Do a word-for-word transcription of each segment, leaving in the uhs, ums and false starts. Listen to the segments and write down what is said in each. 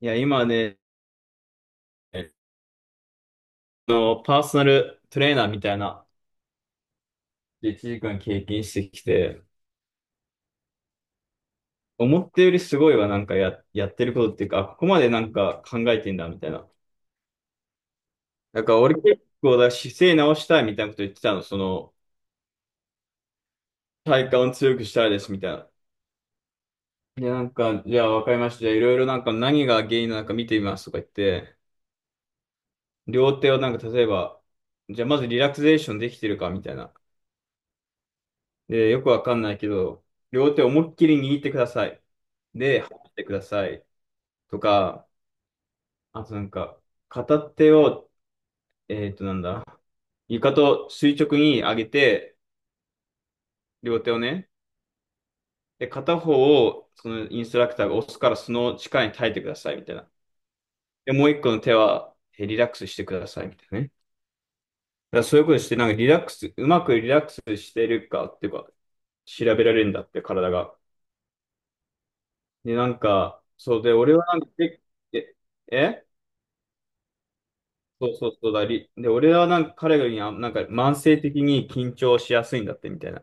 いや、今ね、あの、パーソナルトレーナーみたいな、いちじかん経験してきて、思ったよりすごいわ。なんかや、やってることっていうか、あここまでなんか考えてんだ、みたいな。なんか俺結構だ、姿勢直したいみたいなこと言ってたの。その、体幹を強くしたいです、みたいな。で、なんか、じゃあわかりました。じゃあいろいろなんか何が原因なのか見てみますとか言って、両手をなんか例えば、じゃあまずリラクゼーションできてるか、みたいな。で、よくわかんないけど、両手思いっきり握ってください。で、離してください。とか、あとなんか、片手を、えっとなんだ、床と垂直に上げて、両手をね、で、片方をそのインストラクターが押すからその力に耐えてくださいみたいな。で、もう一個の手は、えリラックスしてくださいみたいなね。だからそういうことして、なんかリラックス、うまくリラックスしてるかっていうか、調べられるんだって体が。で、なんか、そうで、俺はなんか、え、えそうそうそうだり。で、俺はなんか彼がにあなんか慢性的に緊張しやすいんだってみたいな。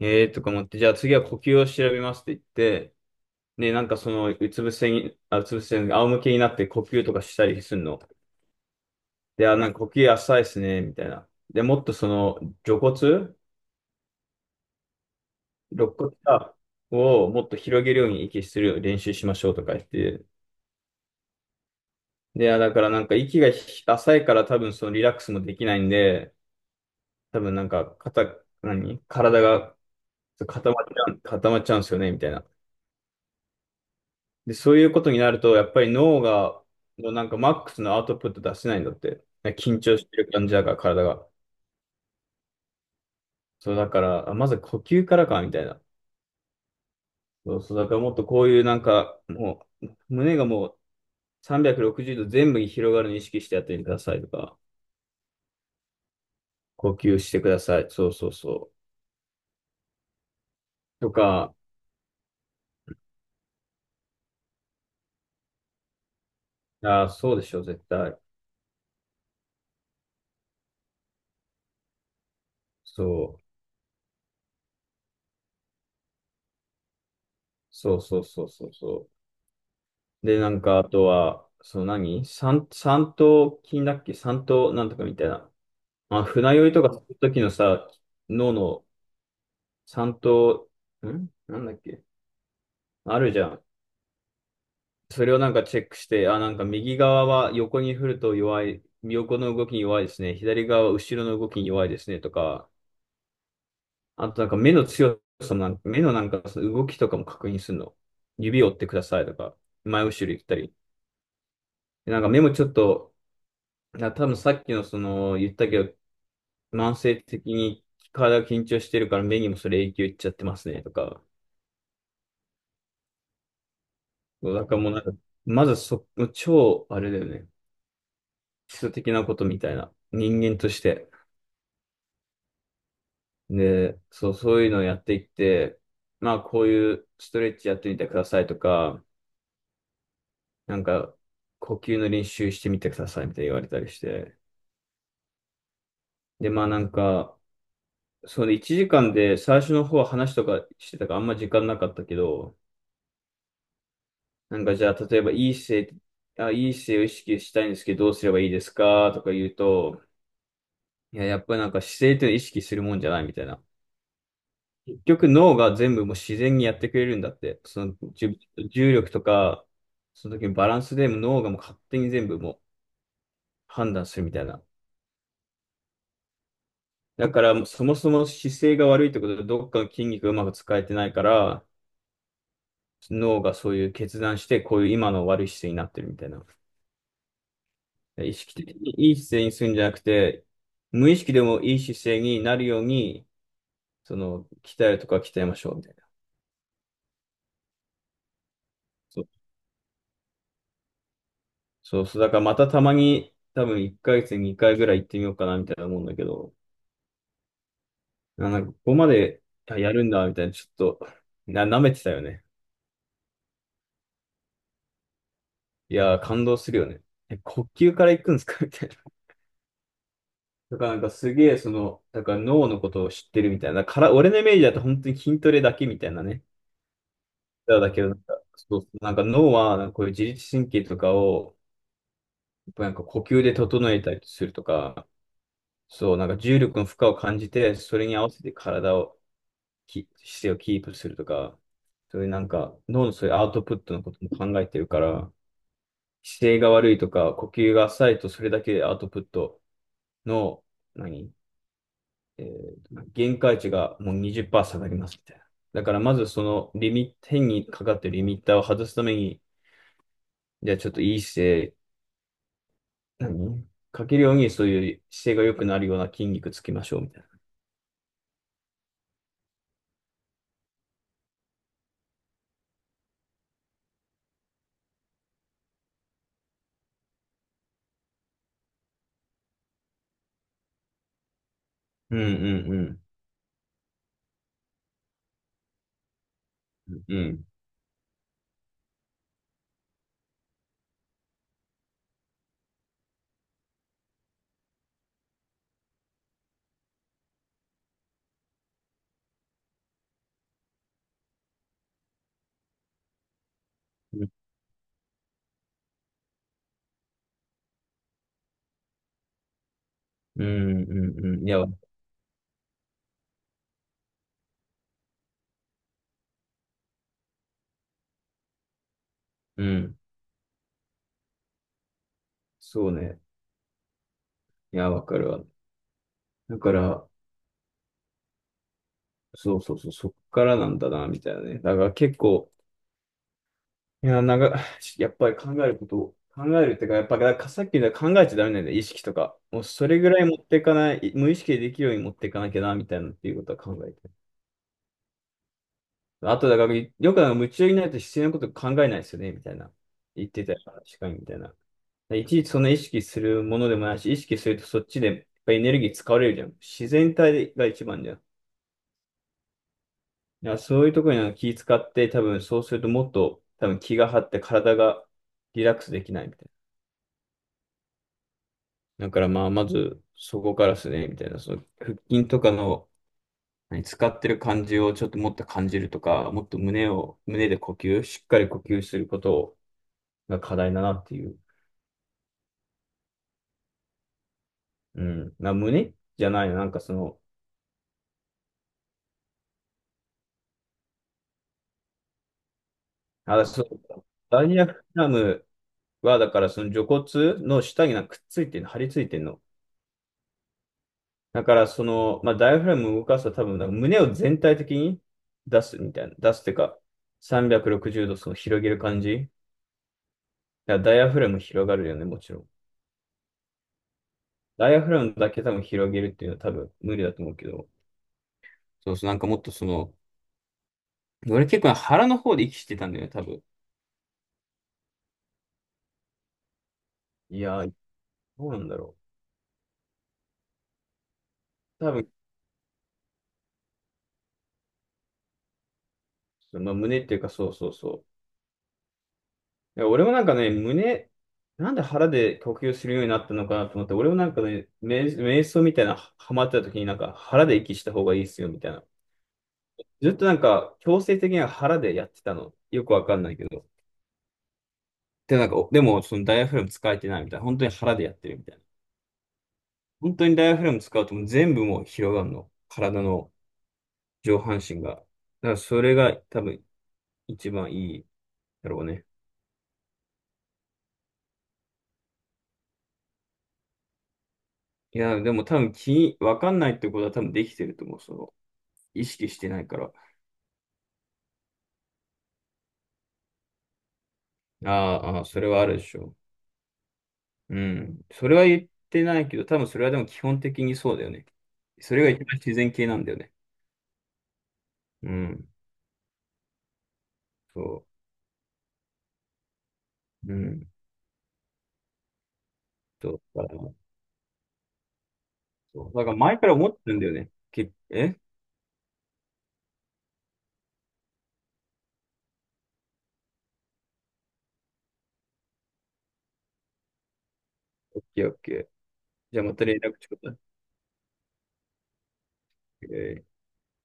えーとか思って、じゃあ次は呼吸を調べますって言って、で、なんかその、うつ伏せに、あ、うつ伏せに、仰向けになって呼吸とかしたりするの。で、あ、なんか呼吸浅いですね、みたいな。で、もっとその、除骨肋骨かをもっと広げるように息する練習しましょうとか言って。で、あ、だからなんか息がひ浅いから多分そのリラックスもできないんで、多分なんか肩、何体がそう固まっちゃう、固まっちゃうんですよね、みたいな。で、そういうことになると、やっぱり脳が、のなんかマックスのアウトプット出せないんだって。緊張してる感じだから、体が。そう、だから、あまず呼吸からか、みたいな。そうそう、だからもっとこういうなんか、もう、胸がもうさんびゃくろくじゅうど全部に広がるのを意識してやってみてくださいとか、呼吸してください。そうそうそう。とか、ああ、そうでしょ、絶対。そう、そうそうそうそうそう。で、なんか、あとは、その何三、三頭筋だっけ三頭なんとかみたいな。まあ、船酔いとかするときのさ、脳の三頭、んなんだっけあるじゃん。それをなんかチェックして、あ、なんか右側は横に振ると弱い、横の動きに弱いですね。左側は後ろの動きに弱いですね。とか、あとなんか目の強さもなんか、目のなんかその動きとかも確認するの。指を折ってくださいとか、前後ろ行ったり。でなんか目もちょっと、な、多分さっきのその言ったけど、慢性的に体が緊張してるから目にもそれ影響いっちゃってますねとか、だからもうなんか、まずそ、超あれだよね、基礎的なことみたいな、人間として。で、そう、そういうのをやっていって、まあこういうストレッチやってみてくださいとか、なんか呼吸の練習してみてくださいみたいに言われたりして。で、まあなんか、そのいちじかんで最初の方は話とかしてたからあんま時間なかったけど、なんかじゃあ、例えば、いい姿勢、あ、いい姿勢を意識したいんですけど、どうすればいいですかとか言うと、いや、やっぱりなんか姿勢っていうのは意識するもんじゃないみたいな。結局脳が全部もう自然にやってくれるんだって。その重重力とか、その時のバランスでも脳がもう勝手に全部もう判断するみたいな。だからもうそもそも姿勢が悪いってことで、どっかの筋肉がうまく使えてないから、脳がそういう決断して、こういう今の悪い姿勢になってるみたいな。意識的にいい姿勢にするんじゃなくて、無意識でもいい姿勢になるように、その、鍛えるとか鍛えましょうみたいな。そう、そうそう、だからまたたまに、多分いっかげつににかいぐらい行ってみようかなみたいな思うんだけど、あなんかここまであやるんだみたいな、ちょっと、な、舐めてたよね。いやー、感動するよね。え、呼吸から行くんですかみたいな。だからなんかすげえ、その、だから脳のことを知ってるみたいな。から、俺のイメージだと本当に筋トレだけみたいなね。だだけど、なんか、そう、なんか脳は、こういう自律神経とかを、なんか呼吸で整えたりするとか、そう、なんか重力の負荷を感じて、それに合わせて体をき、姿勢をキープするとか、そういうなんか、脳のそういうアウトプットのことも考えてるから、姿勢が悪いとか、呼吸が浅いと、それだけでアウトプットの、何えー限界値がもうにじゅっパーセント下がりますみたいな。だからまずそのリミット、変にかかってるリミッターを外すために、じゃあちょっといい姿勢何かけるようにそういう姿勢が良くなるような筋肉つきましょうみたいな。うんうんうん。うん。うんうんうん。いや、うん。そうね。いや、わかるわ。だから、そうそうそう、そっからなんだな、みたいなね。だから結構、いや、なんか、やっぱり考えることを、考えるってか、やっぱ、だからさっき言った考えちゃダメなんだよね、意識とか。もうそれぐらい持っていかない、無意識でできるように持っていかなきゃな、みたいなっていうことは考えてあと、だから、よくなんか夢中になると必要なこと考えないですよね、みたいな。言ってたよ確かに、みたいな。いちいちそんな意識するものでもないし、意識するとそっちでやっぱエネルギー使われるじゃん。自然体が一番じゃん。いや、そういうところになんか気使って、多分そうするともっと多分気が張って体がリラックスできないみたいな。だからまあ、まずそこからですね、みたいな。その腹筋とかの何使ってる感じをちょっともっと感じるとか、もっと胸を、胸で呼吸、しっかり呼吸することが課題だなっていう。うん。な、胸じゃないの。なんかその、あ、そう。ダイアフラムは、だからその除骨の下になんかくっついてるの、張り付いてるの。だからその、まあ、ダイアフラムを動かすと多分、なんか胸を全体的に出すみたいな。出すっていうか、さんびゃくろくじゅうどその広げる感じ。だからダイアフラム広がるよね、もちろん。ダイアフラムだけ多分広げるっていうのは多分無理だと思うけど。そうそう、なんかもっとその、俺結構腹の方で息してたんだよね、多分。いやー、どうなんだろう。多分、まあ、胸っていうか、そうそうそう。いや俺もなんかね、胸、なんで腹で呼吸するようになったのかなと思って、俺もなんかね、瞑、瞑想みたいな、ハマってた時になんか腹で息した方がいいっすよ、みたいな。ずっとなんか、強制的には腹でやってたの。よくわかんないけど。で、なんか、おでも、そのダイヤフラム使えてないみたいな。本当に腹でやってるみたいな。本当にダイヤフラム使うともう全部もう広がるの。体の上半身が。だからそれが多分一番いいだろうね。いや、でも多分気、わかんないってことは多分できてると思う。その、意識してないから。ああ、ああそれはあるでしょう。うん。それは言ってないけど、多分それはでも基本的にそうだよね。それが一番自然系なんだよね。うん。そう。うん。そう。だから、そうだから前から思ってるんだよね。け、えオッケーオッケー。じゃあまた連絡ちょうだい。えー